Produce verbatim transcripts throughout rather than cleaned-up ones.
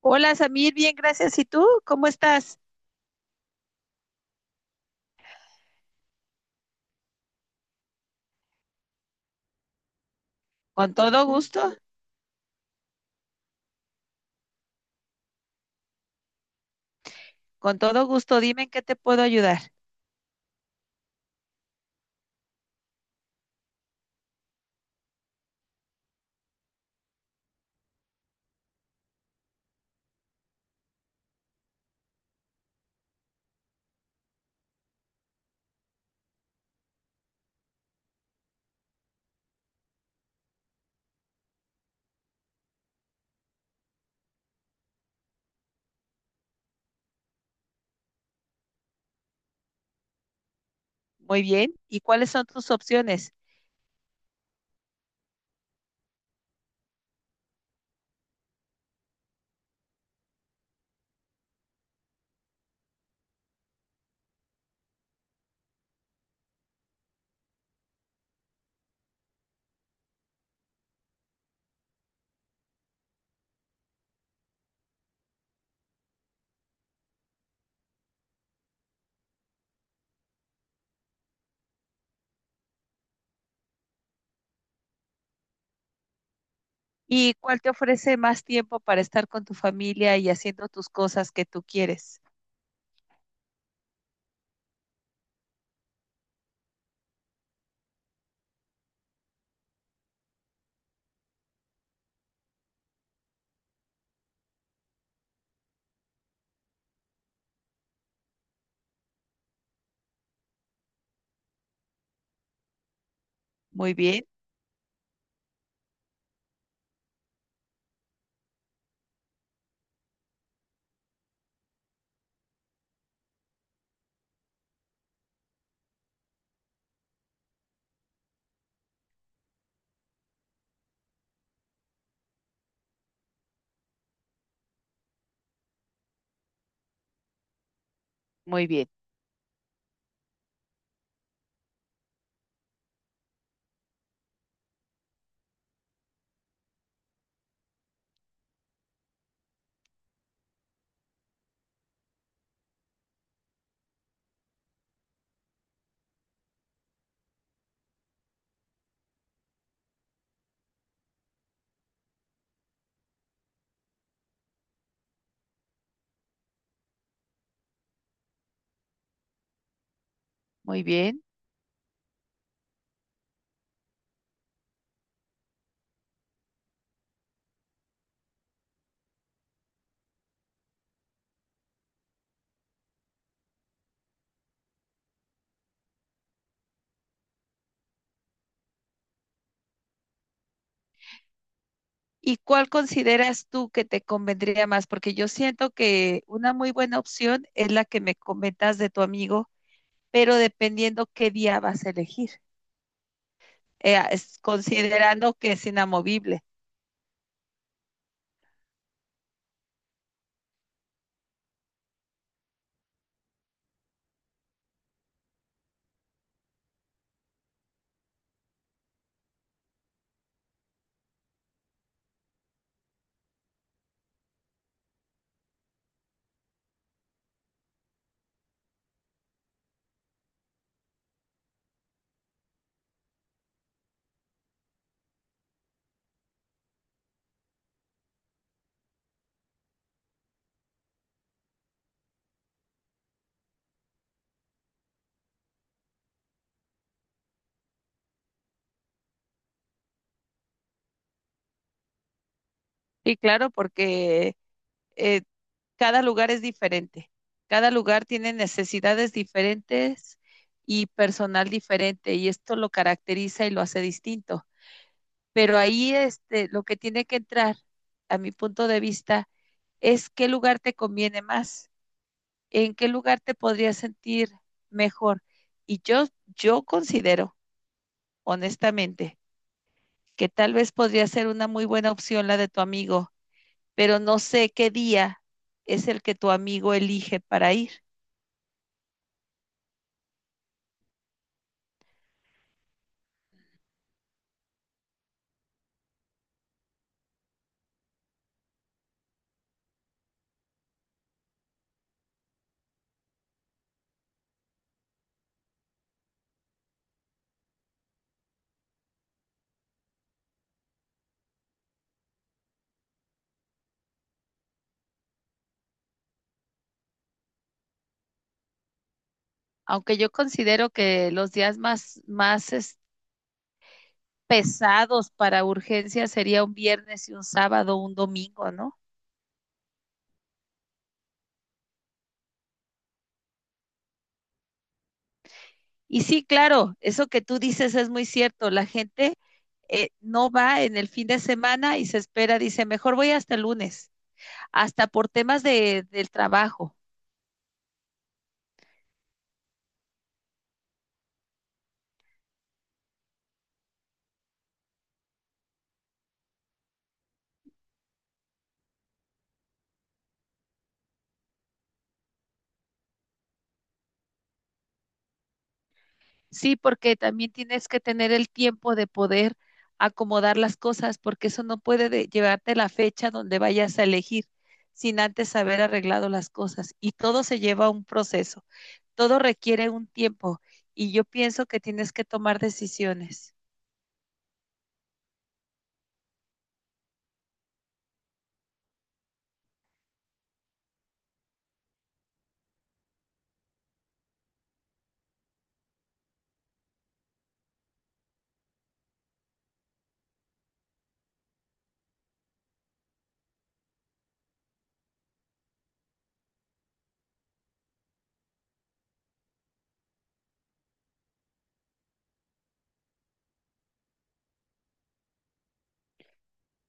Hola Samir, bien, gracias. ¿Y tú? ¿Cómo estás? Con todo gusto, con todo gusto. Dime en qué te puedo ayudar. Muy bien. ¿Y cuáles son tus opciones? ¿Y cuál te ofrece más tiempo para estar con tu familia y haciendo tus cosas que tú quieres? Muy bien, muy bien, muy bien. ¿Y cuál consideras tú que te convendría más? Porque yo siento que una muy buena opción es la que me comentas de tu amigo, pero dependiendo qué día vas a elegir. Eh, es- considerando que es inamovible. Y claro, porque eh, cada lugar es diferente. Cada lugar tiene necesidades diferentes y personal diferente, y esto lo caracteriza y lo hace distinto. Pero ahí este, lo que tiene que entrar, a mi punto de vista, es qué lugar te conviene más. ¿En qué lugar te podrías sentir mejor? Y yo, yo considero, honestamente, que tal vez podría ser una muy buena opción la de tu amigo, pero no sé qué día es el que tu amigo elige para ir. Aunque yo considero que los días más, más es- pesados para urgencias sería un viernes y un sábado, un domingo, ¿no? Y sí, claro, eso que tú dices es muy cierto. La gente eh, no va en el fin de semana y se espera, dice, mejor voy hasta el lunes, hasta por temas de, del trabajo. Sí, porque también tienes que tener el tiempo de poder acomodar las cosas, porque eso no puede de- llevarte la fecha donde vayas a elegir sin antes haber arreglado las cosas. Y todo se lleva a un proceso, todo requiere un tiempo. Y yo pienso que tienes que tomar decisiones,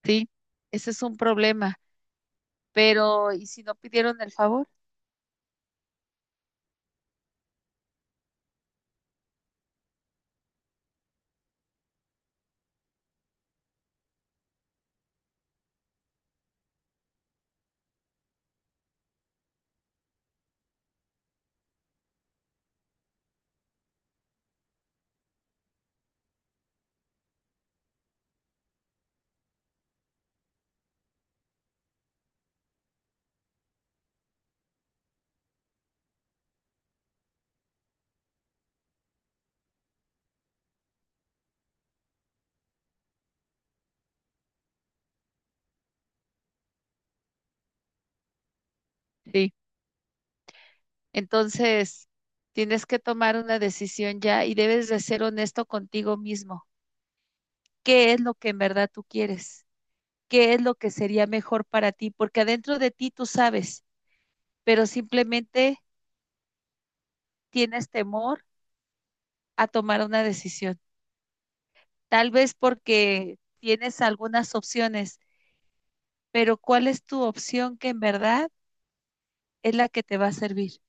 ¿sí? Ese es un problema, pero ¿y si no pidieron el favor? Sí. Entonces, tienes que tomar una decisión ya y debes de ser honesto contigo mismo. ¿Qué es lo que en verdad tú quieres? ¿Qué es lo que sería mejor para ti? Porque adentro de ti tú sabes, pero simplemente tienes temor a tomar una decisión. Tal vez porque tienes algunas opciones, pero ¿cuál es tu opción que en verdad es la que te va a servir?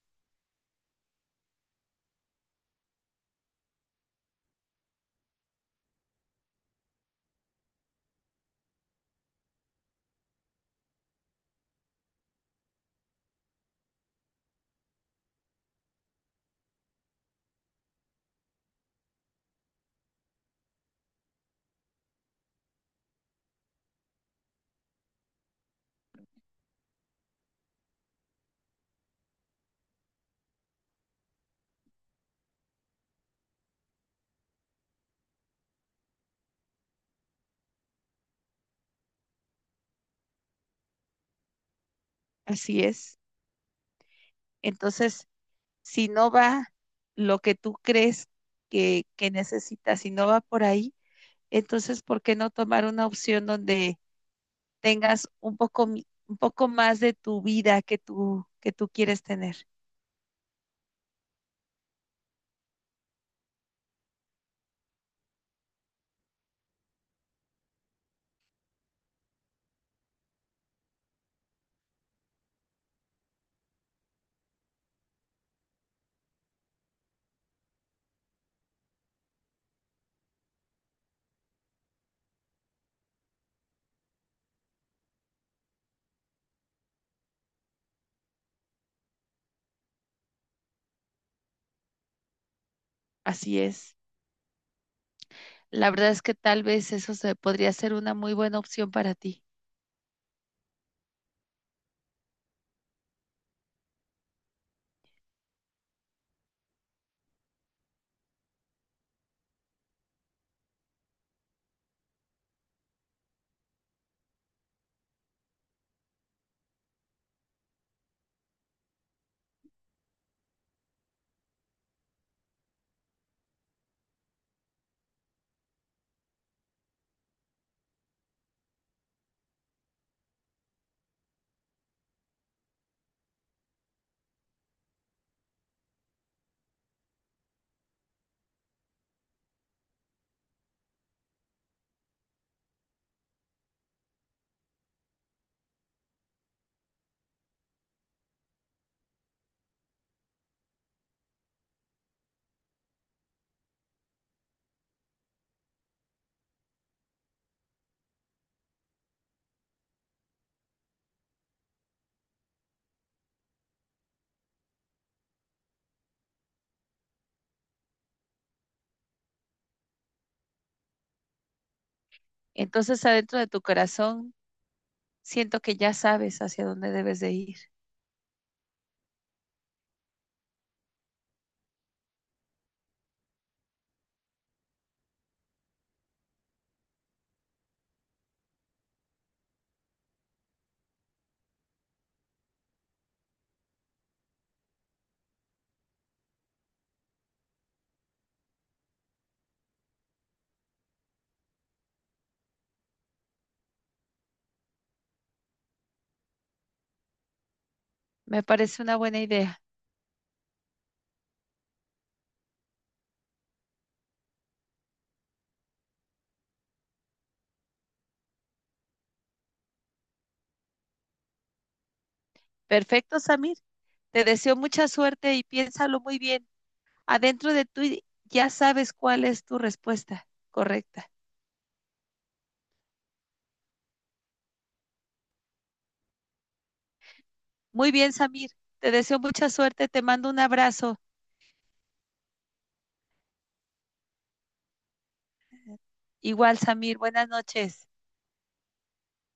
Así es. Entonces, si no va lo que tú crees que, que necesitas, si no va por ahí, entonces, ¿por qué no tomar una opción donde tengas un poco, mi- un poco más de tu vida que tú, que tú quieres tener? Así es. La verdad es que tal vez eso se podría ser una muy buena opción para ti. Entonces, adentro de tu corazón, siento que ya sabes hacia dónde debes de ir. Me parece una buena idea. Perfecto, Samir. Te deseo mucha suerte y piénsalo muy bien. Adentro de ti ya sabes cuál es tu respuesta correcta. Muy bien, Samir. Te deseo mucha suerte, te mando un abrazo. Igual, Samir, buenas noches.